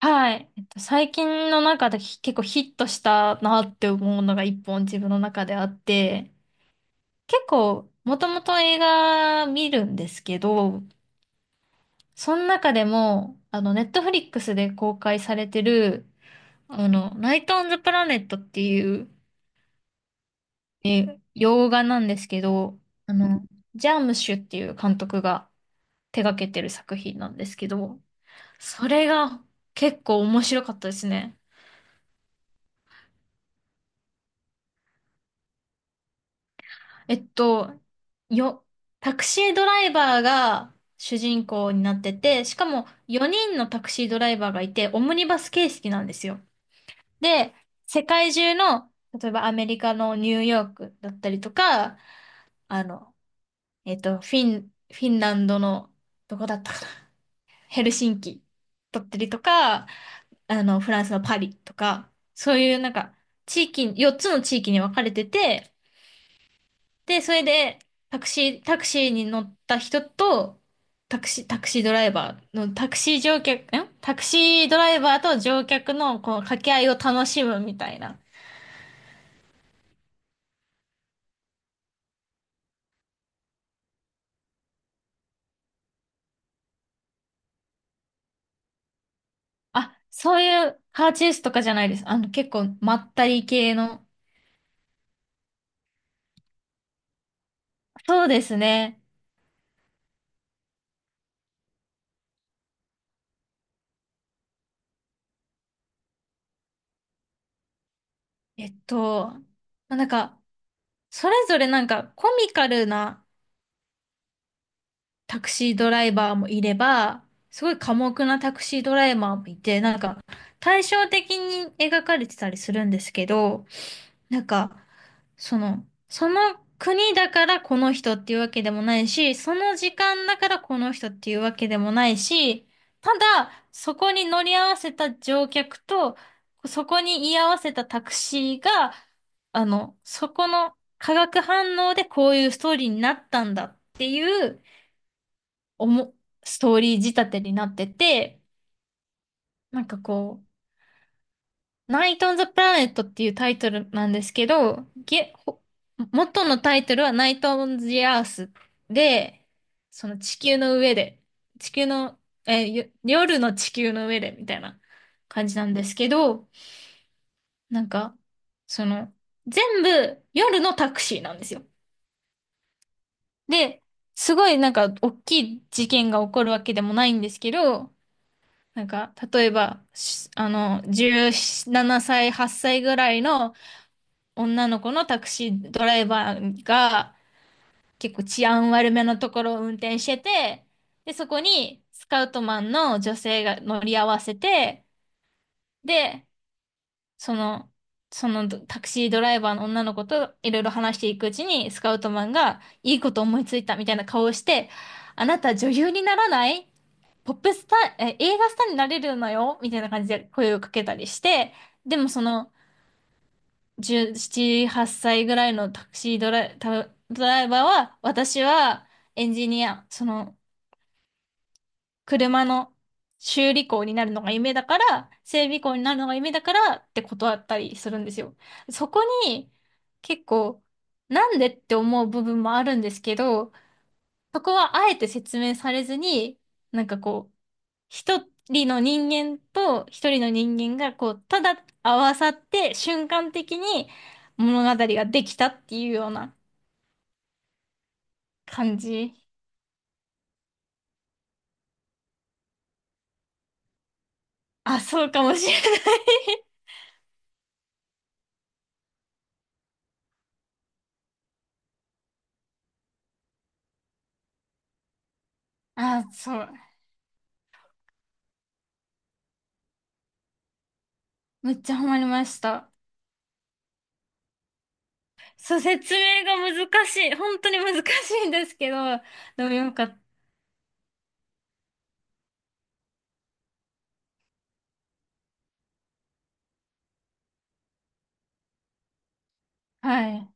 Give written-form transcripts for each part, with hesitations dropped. はい。最近の中で結構ヒットしたなって思うのが一本自分の中であって、結構もともと映画見るんですけど、その中でも、ネットフリックスで公開されてる、ナイト・オン・ザ・プラネットっていう、洋画なんですけど、あの、ジャームシュっていう監督が手掛けてる作品なんですけど、それが結構面白かったですね。えっと、よ、タクシードライバーが主人公になってて、しかも4人のタクシードライバーがいて、オムニバス形式なんですよ。で、世界中の、例えばアメリカのニューヨークだったりとか、あの、フィンランドの、どこだったかな、ヘルシンキだったりとか、フランスのパリとか、そういうなんか、地域、4つの地域に分かれてて、で、それで、タクシーに乗った人と、タクシー、タクシードライバーの、タクシー乗客、んタクシードライバーと乗客の、この掛け合いを楽しむみたいな。あ、そういうカーチェイスとかじゃないです。結構、まったり系の。そうですね。まあなんか、それぞれなんか、コミカルなタクシードライバーもいれば、すごい寡黙なタクシードライバーもいて、なんか対照的に描かれてたりするんですけど、なんかその、その国だからこの人っていうわけでもないし、その時間だからこの人っていうわけでもないし、ただそこに乗り合わせた乗客と、そこに居合わせたタクシーが、そこの化学反応でこういうストーリーになったんだっていう、おも、ストーリー仕立てになってて、なんかこう、ナイト・オン・ザ・プラネットっていうタイトルなんですけど、元のタイトルはナイト・オン・ザ・アースで、その地球の上で、地球の、えー、よ夜の地球の上でみたいな感じなんですけど、なんか、その、全部夜のタクシーなんですよ。で、すごいなんか大きい事件が起こるわけでもないんですけど、例えば、しあの、17歳、8歳ぐらいの女の子のタクシードライバーが結構治安悪めのところを運転してて、で、そこにスカウトマンの女性が乗り合わせて、で、その、そのタクシードライバーの女の子といろいろ話していくうちに、スカウトマンがいいこと思いついたみたいな顔をして、あなた女優にならないポップスター、え、映画スターになれるのよみたいな感じで声をかけたりして、でもその17、8歳ぐらいのタクシードライ、タドライバーは、私はエンジニア、その車の修理工になるのが夢だから、整備工になるのが夢だからって断ったりするんですよ。そこに結構なんでって思う部分もあるんですけど、そこはあえて説明されずに、なんかこう、一人の人間と一人の人間がこう、ただ合わさって瞬間的に物語ができたっていうような感じ。あ、そうかもしれない。あ、そう。めっちゃハマりました。そう、説明が難しい。本当に難しいんですけど、でもよかった。はい。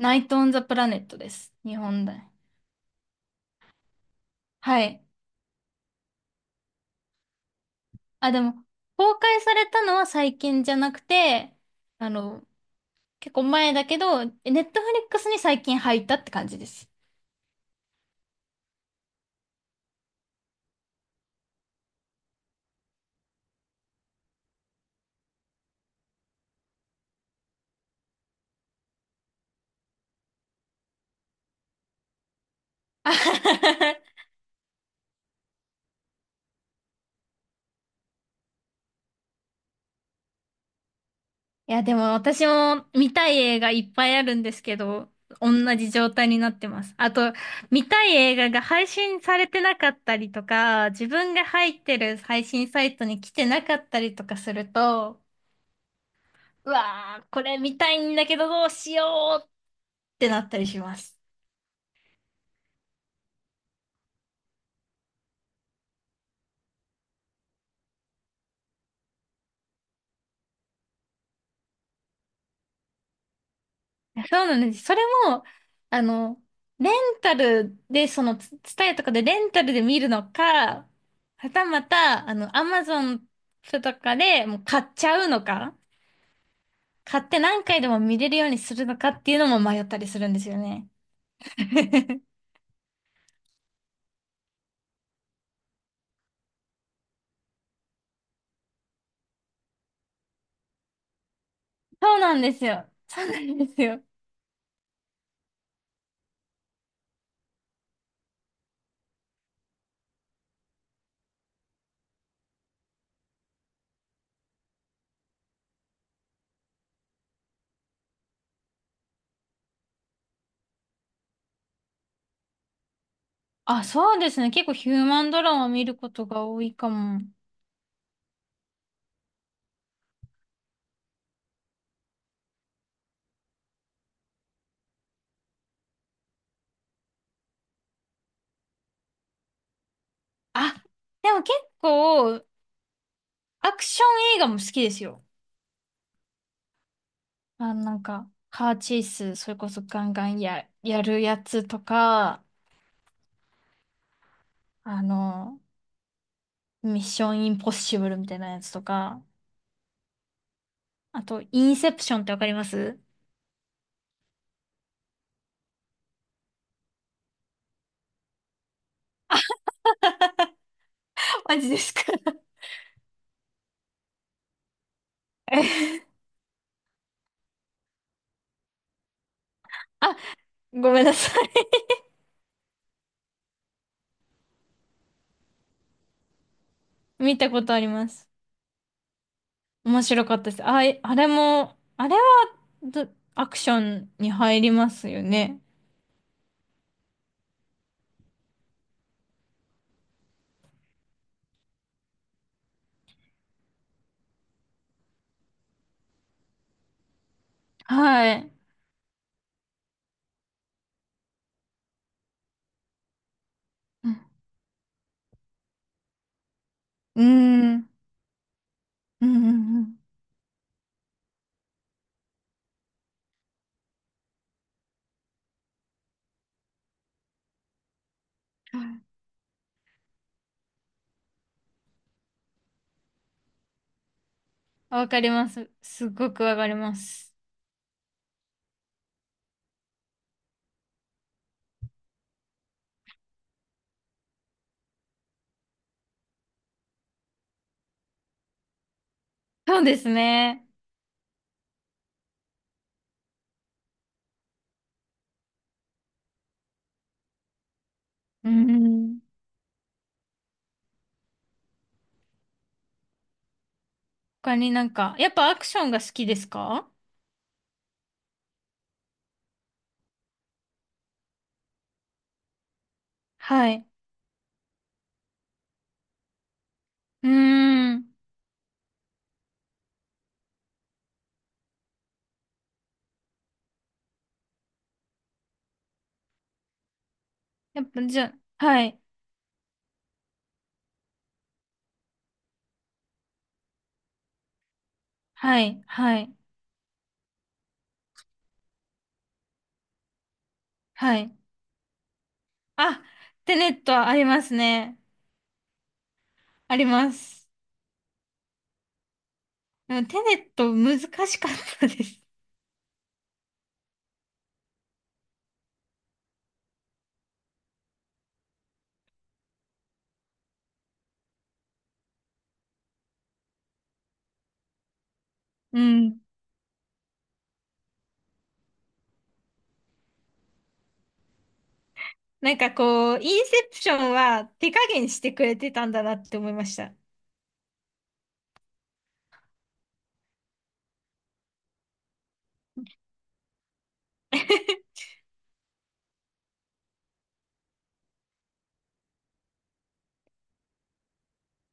ナイト・オン・ザ・プラネットです。日本で。はい。あ、でも、公開されたのは最近じゃなくて、あの、結構前だけど、ネットフリックスに最近入ったって感じです。あははいや、でも私も見たい映画いっぱいあるんですけど、同じ状態になってます。あと、見たい映画が配信されてなかったりとか、自分が入ってる配信サイトに来てなかったりとかすると、うわー、これ見たいんだけどどうしようってなったりします。そうなんです。それも、あの、レンタルで、その、ツツタヤとかでレンタルで見るのか、はたまた、アマゾンとかでもう買っちゃうのか、買って何回でも見れるようにするのかっていうのも迷ったりするんですよね。そうなんですよ。そうなんですよ。あ、そうですね。結構ヒューマンドラマ見ることが多いかも。あ、でも結構、アクション映画も好きですよ。あ、なんか、カーチェイス、それこそガンガンやるやつとか、あの、ミッションインポッシブルみたいなやつとか、あと、インセプションってわかります？ マジですか？ えあ、ごめんなさい。 見たことあります。面白かったです。あ、えあれも、あれはど、アクションに入りますよね。はい。うん。うん。うん。うんうん。わかります。すっごくわかります。そうですね。うん。他になんか、やっぱアクションが好きですか？はい。うーん。やっぱじゃ、はい、はい、はい、はい。あ、テネットはありますね。あります。でもテネット難しかったです。うん。なんかこう、インセプションは手加減してくれてたんだなって思いました。